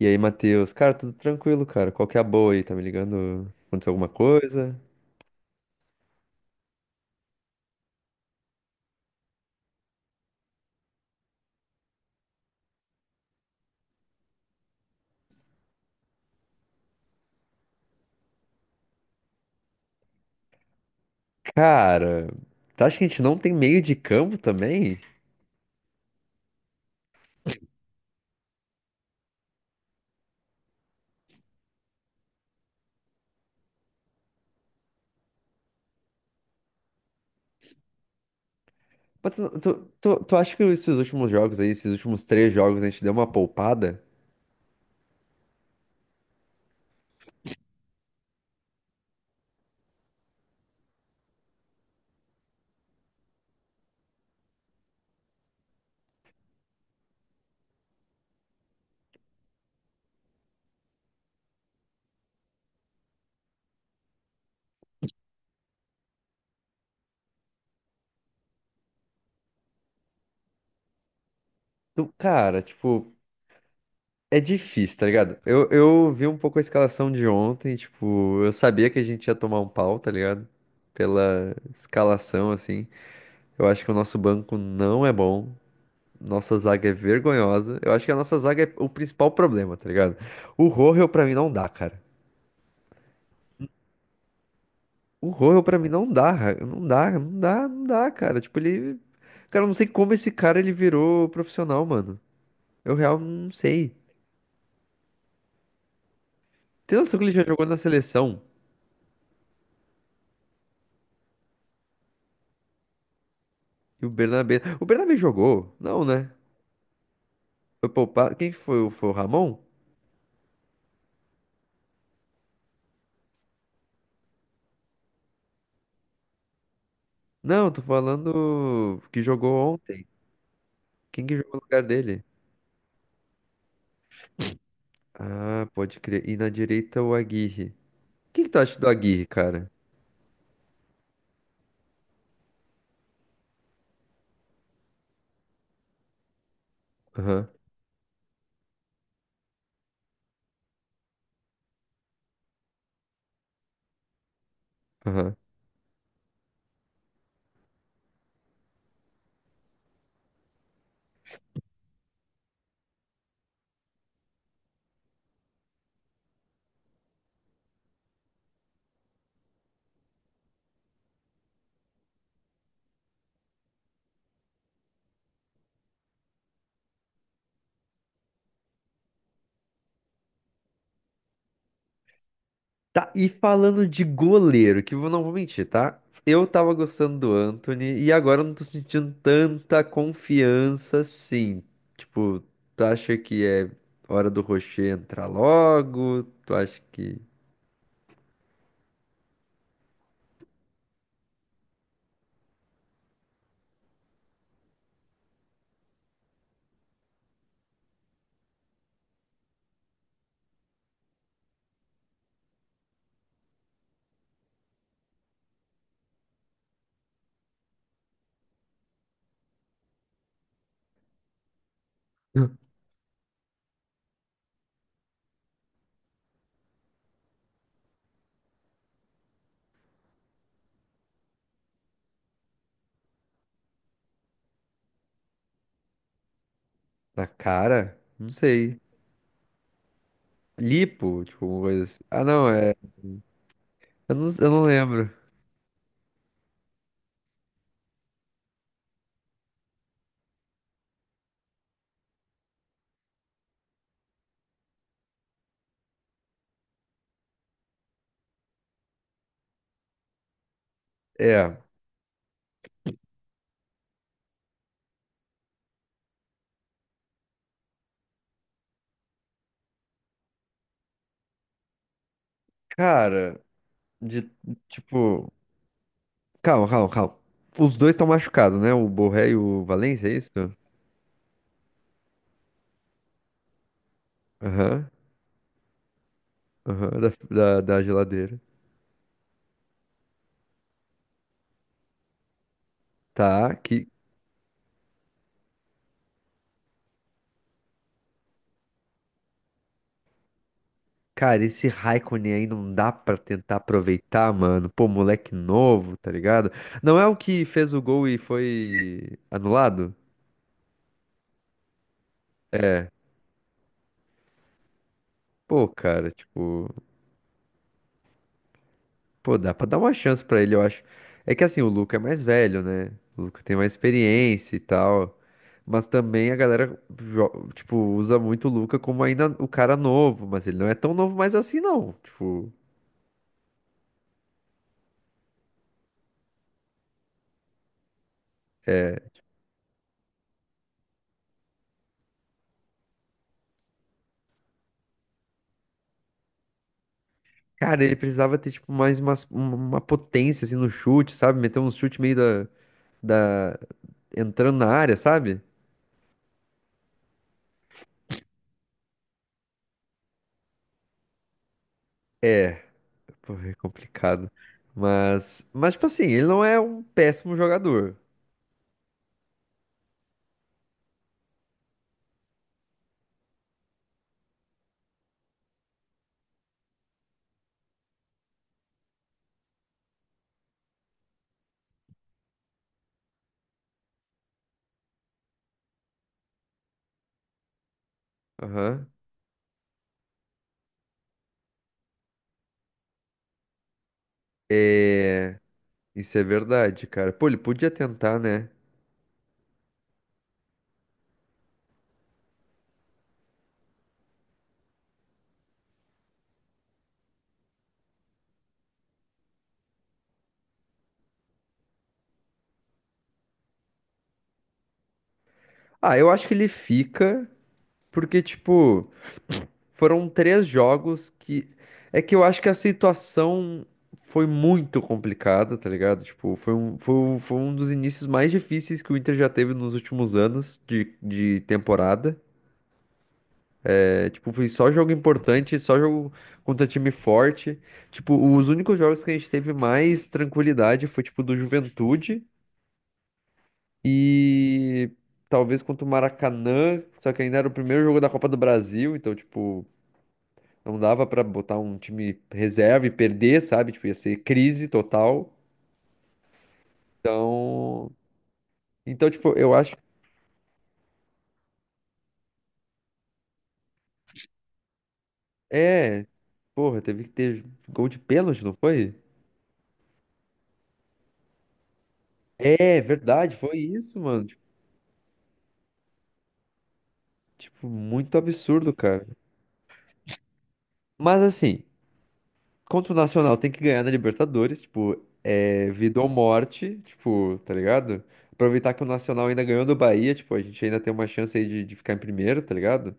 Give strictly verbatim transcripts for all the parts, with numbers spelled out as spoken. E aí, Matheus? Cara, tudo tranquilo, cara. Qual que é a boa aí? Tá me ligando? Aconteceu alguma coisa? Cara, tu acha que a gente não tem meio de campo também? Mas Tu, tu, tu, tu acha que esses últimos jogos aí, esses últimos três jogos, a gente deu uma poupada? Tu- cara, tipo, é difícil, tá ligado? Eu, eu vi um pouco a escalação de ontem, tipo, eu sabia que a gente ia tomar um pau, tá ligado? Pela escalação, assim. Eu acho que o nosso banco não é bom. Nossa zaga é vergonhosa. Eu acho que a nossa zaga é o principal problema, tá ligado? O Rojo pra mim não dá, cara. O Rojo pra mim não dá, ra- não dá, não dá, não dá, cara. Tipo, ele. Cara, eu não sei como esse cara ele virou profissional, mano. Eu real não sei. Tem noção que ele já jogou na seleção? E o Bernabé. O Bernabé jogou? Não, né? Foi poupado. Quem que foi? Foi o Ramon? Não, tô falando que jogou ontem. Quem que jogou no lugar dele? Ah, pode crer. E na direita o Aguirre. O que que tu acha do Aguirre, cara? Aham, aham. Tá, e falando de goleiro, que eu não vou mentir, tá? Eu tava gostando do Anthony e agora eu não tô sentindo tanta confiança assim. Tipo, tu acha que é hora do Rocher entrar logo? Tu acha que. Na cara? Não sei. Lipo, tipo, uma coisa assim. Ah, não, é. Eu não, eu não lembro. É, cara, de tipo. Calma, calma, calma. Os dois estão machucados, né? O Borré e o Valencia, é isso? Aham. Aham, da, da, da geladeira. Tá, que. Cara, esse Raikkonen aí não dá pra tentar aproveitar, mano. Pô, moleque novo, tá ligado? Não é o que fez o gol e foi anulado? Pô, cara, tipo. Pô, dá pra dar uma chance pra ele, eu acho. É que assim, o Luca é mais velho, né? O Luca tem mais experiência e tal. Mas também a galera, jo- tipo, usa muito o Luca como ainda o cara novo. Mas ele não é tão novo mais assim, não. Tipo. É, cara, ele precisava ter, tipo, mais uma, uma potência, assim, no chute, sabe? Meter um chute meio da, da- entrando na área, sabe? É, pô, é complicado. Mas, mas, tipo assim, ele não é um péssimo jogador. Aham. É, isso é verdade, cara. Pô, ele podia tentar, né? Ah, eu acho que ele fica, porque, tipo. Foram três jogos que. É que eu acho que a situação foi muito complicada, tá ligado? Tipo, foi um, foi, um- foi um dos inícios mais difíceis que o Inter já teve nos últimos anos de, de temporada. É, tipo, foi só jogo importante, só jogo contra time forte. Tipo, os únicos jogos que a gente teve mais tranquilidade foi, tipo, do Juventude e talvez contra o Maracanã, só que ainda era o primeiro jogo da Copa do Brasil, então, tipo. Não dava pra botar um time reserva e perder, sabe? Tipo, ia ser crise total. Então, então tipo, eu acho, é, porra, teve que ter gol de pênalti, não foi? É, verdade, foi isso, mano. Tipo, tipo, muito absurdo, cara. Mas assim, contra o Nacional tem que ganhar na Libertadores, tipo, é vida ou morte, tipo, tá ligado? Aproveitar que o Nacional ainda ganhou do Bahia, tipo, a gente ainda tem uma chance aí de, de ficar em primeiro, tá ligado?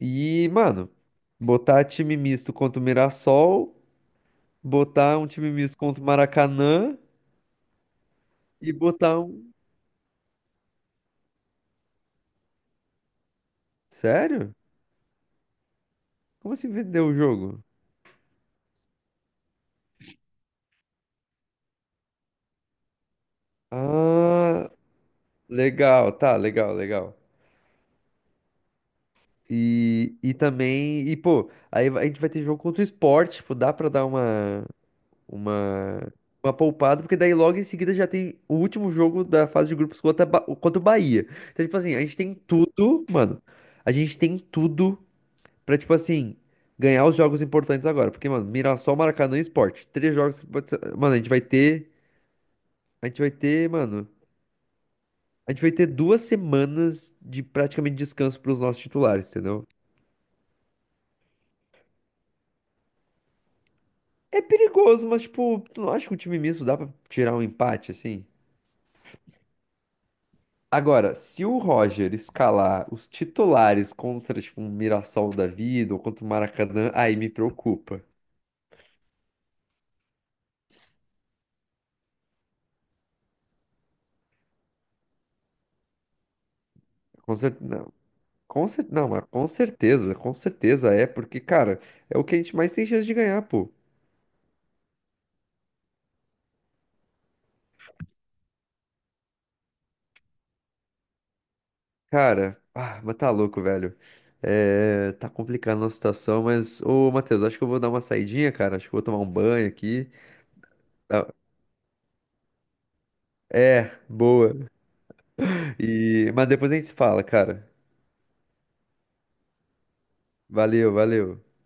E, mano, botar time misto contra o Mirassol, botar um time misto contra o Maracanã e botar um. Sério? Como assim vendeu o jogo? Ah, legal, tá, legal, legal. E, e também, e pô, aí vai- a gente vai ter jogo contra o Sport, tipo, dá pra dar uma, uma, uma poupada, porque daí logo em seguida já tem o último jogo da fase de grupos contra, a Ba- contra o Bahia. Então, tipo assim, a gente tem tudo, mano, a gente tem tudo pra, tipo assim, ganhar os jogos importantes agora. Porque, mano, Mirassol, Maracanã e Sport. Três jogos que pode ser... Mano, a gente vai ter. A gente vai ter, mano. A gente vai ter duas semanas de praticamente descanso pros nossos titulares, entendeu? É perigoso, mas, tipo, tu não acha que o time misto dá pra tirar um empate, assim? Agora, se o Roger escalar os titulares contra, tipo, um Mirassol da vida ou contra o Maracanã, aí me preocupa. Com certeza, com cer... Não, mas com certeza, com certeza é, porque, cara, é o que a gente mais tem chance de ganhar, pô. Cara, ah, mas tá louco, velho. É, tá complicando a situação, mas, ô, Matheus, acho que eu vou dar uma saidinha, cara. Acho que eu vou tomar um banho aqui. Ah, é, boa. E... Mas depois a gente se fala, cara. Valeu, valeu.